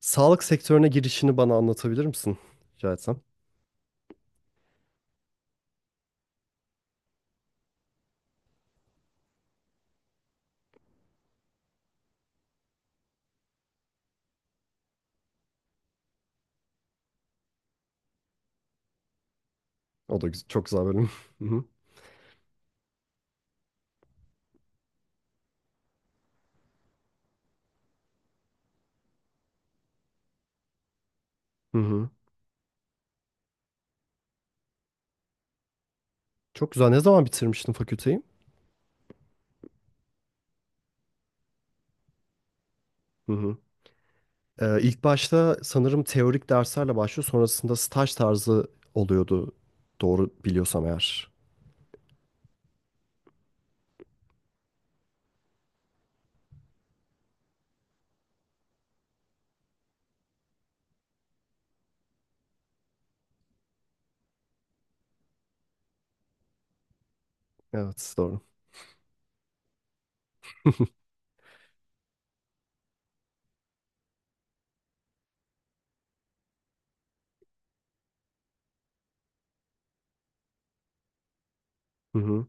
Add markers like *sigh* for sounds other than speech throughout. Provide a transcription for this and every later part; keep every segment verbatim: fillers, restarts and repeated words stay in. Sağlık sektörüne girişini bana anlatabilir misin? Rica etsem. O da güz- çok güzel bölüm. *laughs* Hı hı. Hı hı. Çok güzel. Ne zaman bitirmiştin fakülteyi? Hı hı. Ee, ilk başta sanırım teorik derslerle başlıyor. Sonrasında staj tarzı oluyordu. Doğru biliyorsam eğer. Evet, doğru. *laughs* Hı hı.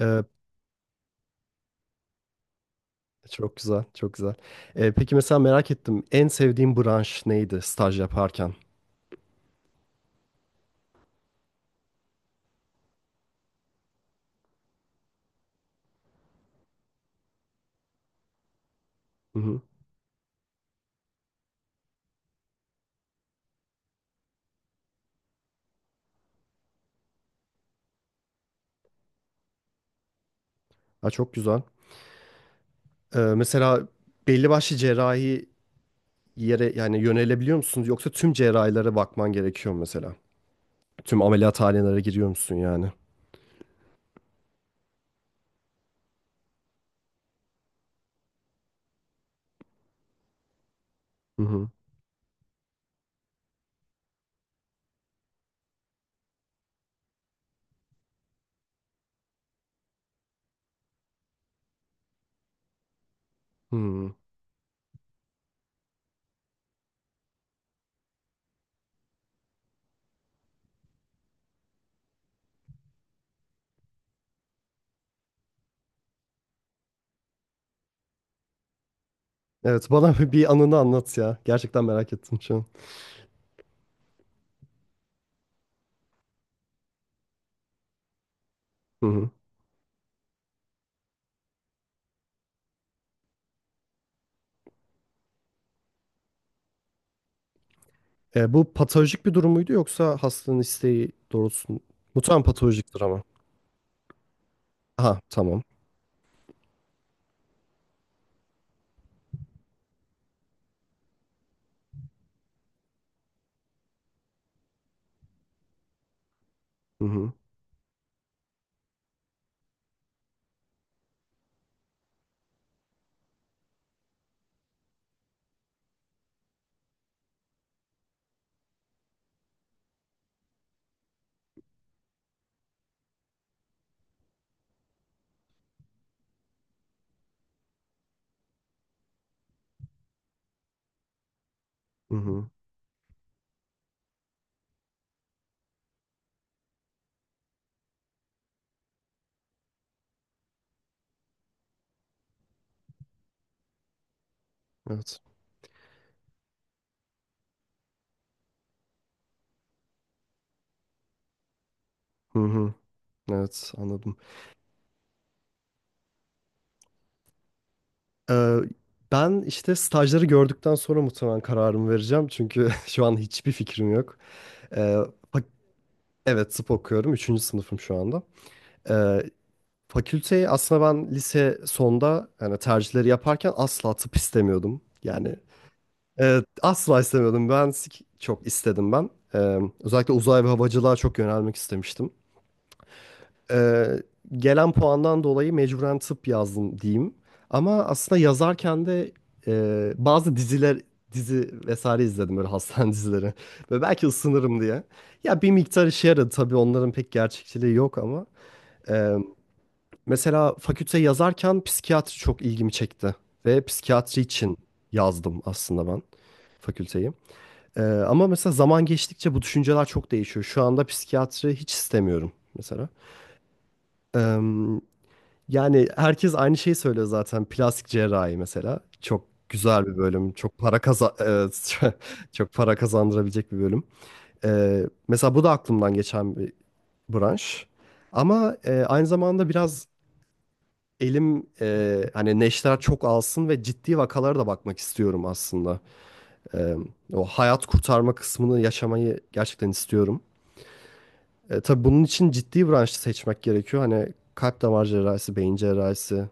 Ee, Çok güzel, çok güzel. Ee, peki, mesela merak ettim. En sevdiğin branş neydi staj yaparken? Hı hı. Ha, çok güzel. Ee, mesela belli başlı cerrahi yere yani yönelebiliyor musunuz, yoksa tüm cerrahilere bakman gerekiyor mu mesela? Tüm ameliyathanelere giriyor musun yani? Hı hı. Hı. Evet, bana *laughs* bir anını anlat ya. Gerçekten merak ettim şu an. Hı hı. E, bu patolojik bir durum muydu, yoksa hastanın isteği doğrultusunda? Muhtemelen patolojiktir ama. Aha, tamam. Hı hı. Hı hı. Evet. Hı hı. Evet, anladım. Ee, Ben işte stajları gördükten sonra muhtemelen kararımı vereceğim. Çünkü *laughs* şu an hiçbir fikrim yok. Ee, fak- evet tıp okuyorum. Üçüncü sınıfım şu anda. Ee, Fakülteyi aslında ben lise sonda, yani tercihleri yaparken asla tıp istemiyordum. Yani evet, asla istemiyordum. Mühendislik çok istedim ben. Ee, özellikle uzay ve havacılığa çok yönelmek istemiştim. Ee, Gelen puandan dolayı mecburen tıp yazdım diyeyim. Ama aslında yazarken de e, bazı diziler dizi vesaire izledim, böyle hastane *laughs* dizileri. Ve belki ısınırım diye. Ya bir miktar işe yaradı tabii, onların pek gerçekçiliği yok ama. e, Mesela fakülte yazarken psikiyatri çok ilgimi çekti. Ve psikiyatri için yazdım aslında ben fakülteyi. E, ama mesela zaman geçtikçe bu düşünceler çok değişiyor. Şu anda psikiyatri hiç istemiyorum mesela. Eee, Yani herkes aynı şeyi söylüyor zaten. Plastik cerrahi mesela. Çok güzel bir bölüm. Çok para kaza *laughs* e, çok para kazandırabilecek bir bölüm. E, mesela bu da aklımdan geçen bir branş. Ama e, aynı zamanda biraz elim e, hani neşter çok alsın ve ciddi vakalara da bakmak istiyorum aslında. E, O hayat kurtarma kısmını yaşamayı gerçekten istiyorum. E, tabii bunun için ciddi branşı seçmek gerekiyor. Hani kalp damar cerrahisi, beyin cerrahisi.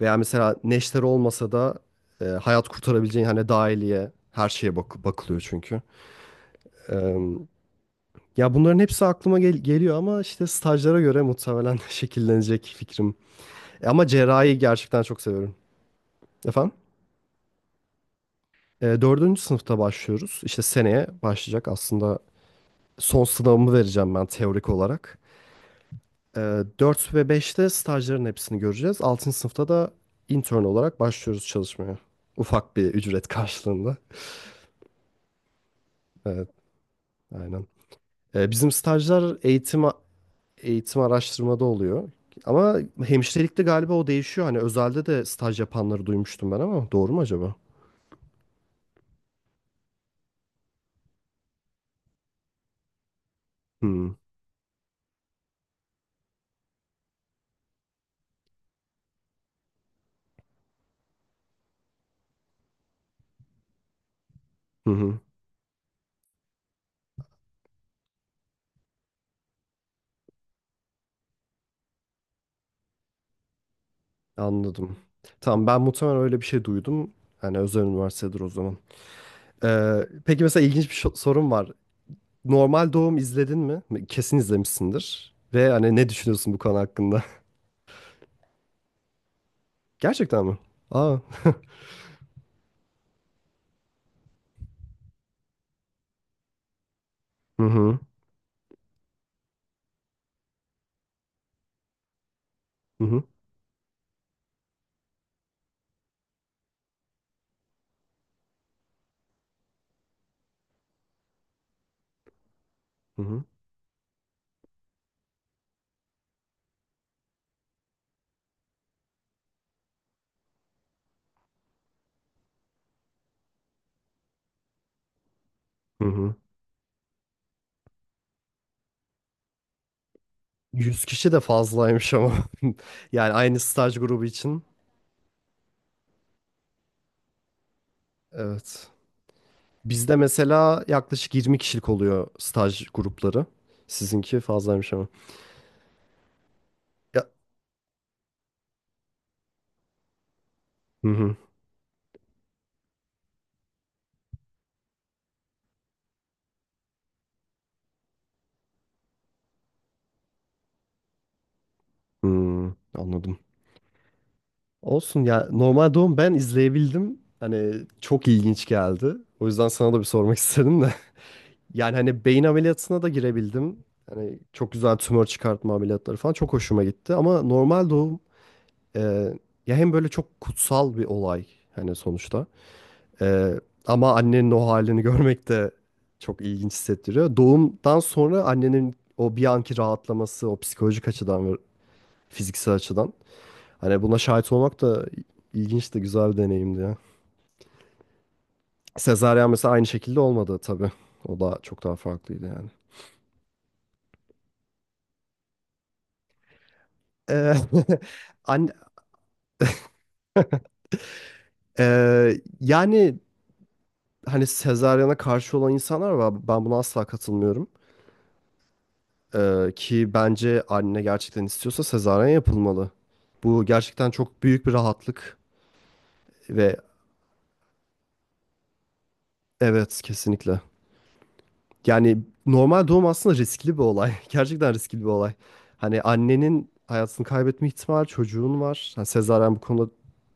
Veya mesela neşter olmasa da e, hayat kurtarabileceğin, hani dahiliye, her şeye bak bakılıyor çünkü. E, Ya bunların hepsi aklıma gel- geliyor ama işte stajlara göre muhtemelen *laughs* şekillenecek fikrim. E, ama cerrahi gerçekten çok seviyorum. Efendim? E, dördüncü sınıfta başlıyoruz. İşte seneye başlayacak aslında, son sınavımı vereceğim ben teorik olarak. E, dört ve beşte stajların hepsini göreceğiz. Altıncı sınıfta da intern olarak başlıyoruz çalışmaya. Ufak bir ücret karşılığında. Evet, aynen. Ee, bizim stajlar eğitim eğitim araştırmada oluyor. Ama hemşirelikte galiba o değişiyor. Hani özelde de staj yapanları duymuştum ben, ama doğru mu acaba? Hmm. Hı hı. Anladım. Tamam, ben muhtemelen öyle bir şey duydum. Hani özel üniversitedir o zaman. Ee, peki, mesela ilginç bir şo- sorum var. Normal doğum izledin mi? Kesin izlemişsindir. Ve hani ne düşünüyorsun bu konu hakkında? *laughs* Gerçekten mi? Aa. *laughs* Hı hı. Hı hı. Hı hı. Hı hı. Yüz kişi de fazlaymış ama. *laughs* Yani aynı staj grubu için. Evet. Bizde mesela yaklaşık yirmi kişilik oluyor staj grupları. Sizinki fazlaymış ama. Ya. Hı hı. Hmm, anladım. Olsun ya. Normal doğum ben izleyebildim. Hani çok ilginç geldi. O yüzden sana da bir sormak istedim de. *laughs* Yani hani beyin ameliyatına da girebildim. Hani çok güzel tümör çıkartma ameliyatları falan çok hoşuma gitti. Ama normal doğum e, ya hem böyle çok kutsal bir olay, hani sonuçta. Ee, Ama annenin o halini görmek de çok ilginç hissettiriyor. Doğumdan sonra annenin o bir anki rahatlaması, o psikolojik açıdan ve fiziksel açıdan. Hani buna şahit olmak da ilginç de güzel bir deneyimdi ya. Sezaryen mesela aynı şekilde olmadı tabii. O da çok daha farklıydı yani. Ee, *laughs* an- ee, yani hani sezaryene karşı olan insanlar var. Ben buna asla katılmıyorum. Ee, ki bence anne gerçekten istiyorsa sezaryen yapılmalı. Bu gerçekten çok büyük bir rahatlık ve evet, kesinlikle. Yani normal doğum aslında riskli bir olay. *laughs* Gerçekten riskli bir olay. Hani annenin hayatını kaybetme ihtimali, çocuğun var. Yani sezaryen bu konuda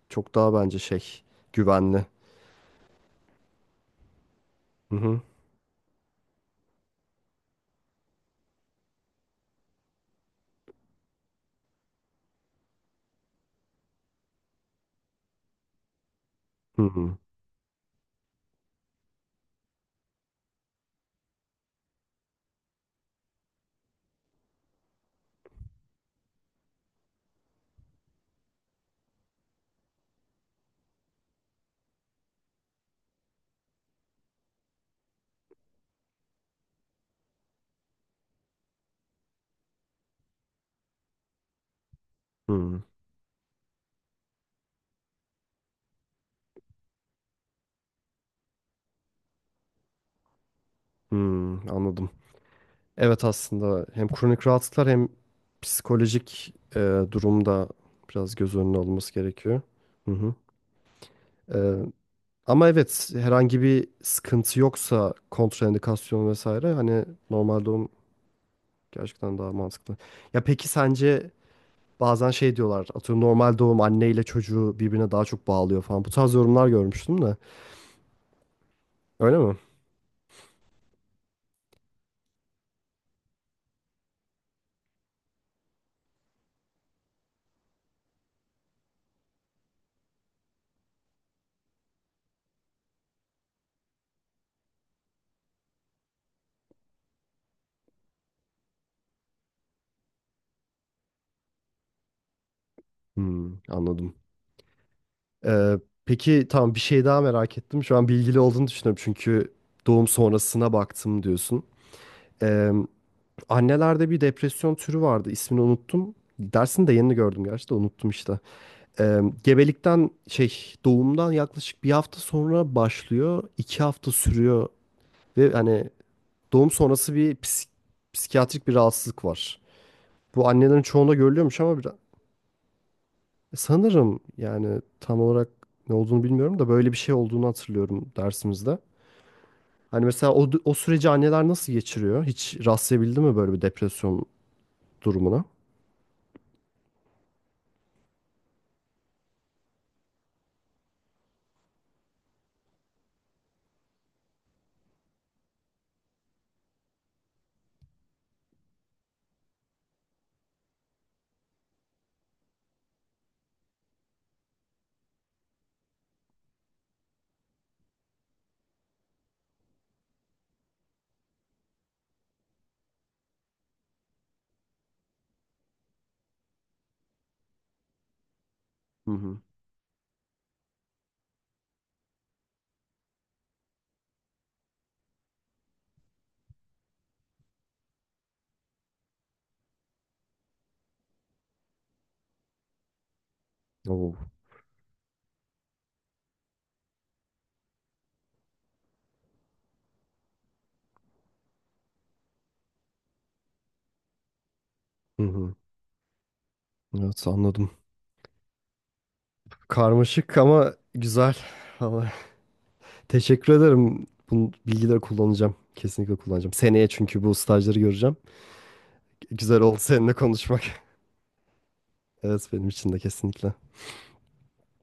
çok daha bence şey, güvenli. Hı hı. Hı hı. Hı hı. Hı, anladım. Evet, aslında hem kronik rahatsızlıklar hem psikolojik e, durumda biraz göz önüne alınması gerekiyor. Hı hı. Ee, Ama evet, herhangi bir sıkıntı yoksa, kontraindikasyon vesaire, hani normal doğum gerçekten daha mantıklı. Ya peki sence, bazen şey diyorlar, atıyorum normal doğum anne ile çocuğu birbirine daha çok bağlıyor falan, bu tarz yorumlar görmüştüm de, öyle mi? Hmm, anladım. Ee, peki tamam, bir şey daha merak ettim şu an, bilgili olduğunu düşünüyorum çünkü doğum sonrasına baktım diyorsun. Ee, Annelerde bir depresyon türü vardı, ismini unuttum. Dersini de yeni gördüm gerçi de unuttum işte. Ee, gebelikten şey Doğumdan yaklaşık bir hafta sonra başlıyor. İki hafta sürüyor ve hani doğum sonrası bir psik- psikiyatrik bir rahatsızlık var. Bu annelerin çoğunda görülüyormuş, ama biraz, sanırım, yani tam olarak ne olduğunu bilmiyorum da böyle bir şey olduğunu hatırlıyorum dersimizde. Hani mesela o, o süreci anneler nasıl geçiriyor? Hiç rastlayabildi mi böyle bir depresyon durumuna? Hı hı. Oo. Hı hı. Evet, anladım. Karmaşık ama güzel. *laughs* Teşekkür ederim. Bu bilgileri kullanacağım. Kesinlikle kullanacağım. Seneye, çünkü bu stajları göreceğim. Güzel oldu seninle konuşmak. *laughs* Evet, benim için de kesinlikle.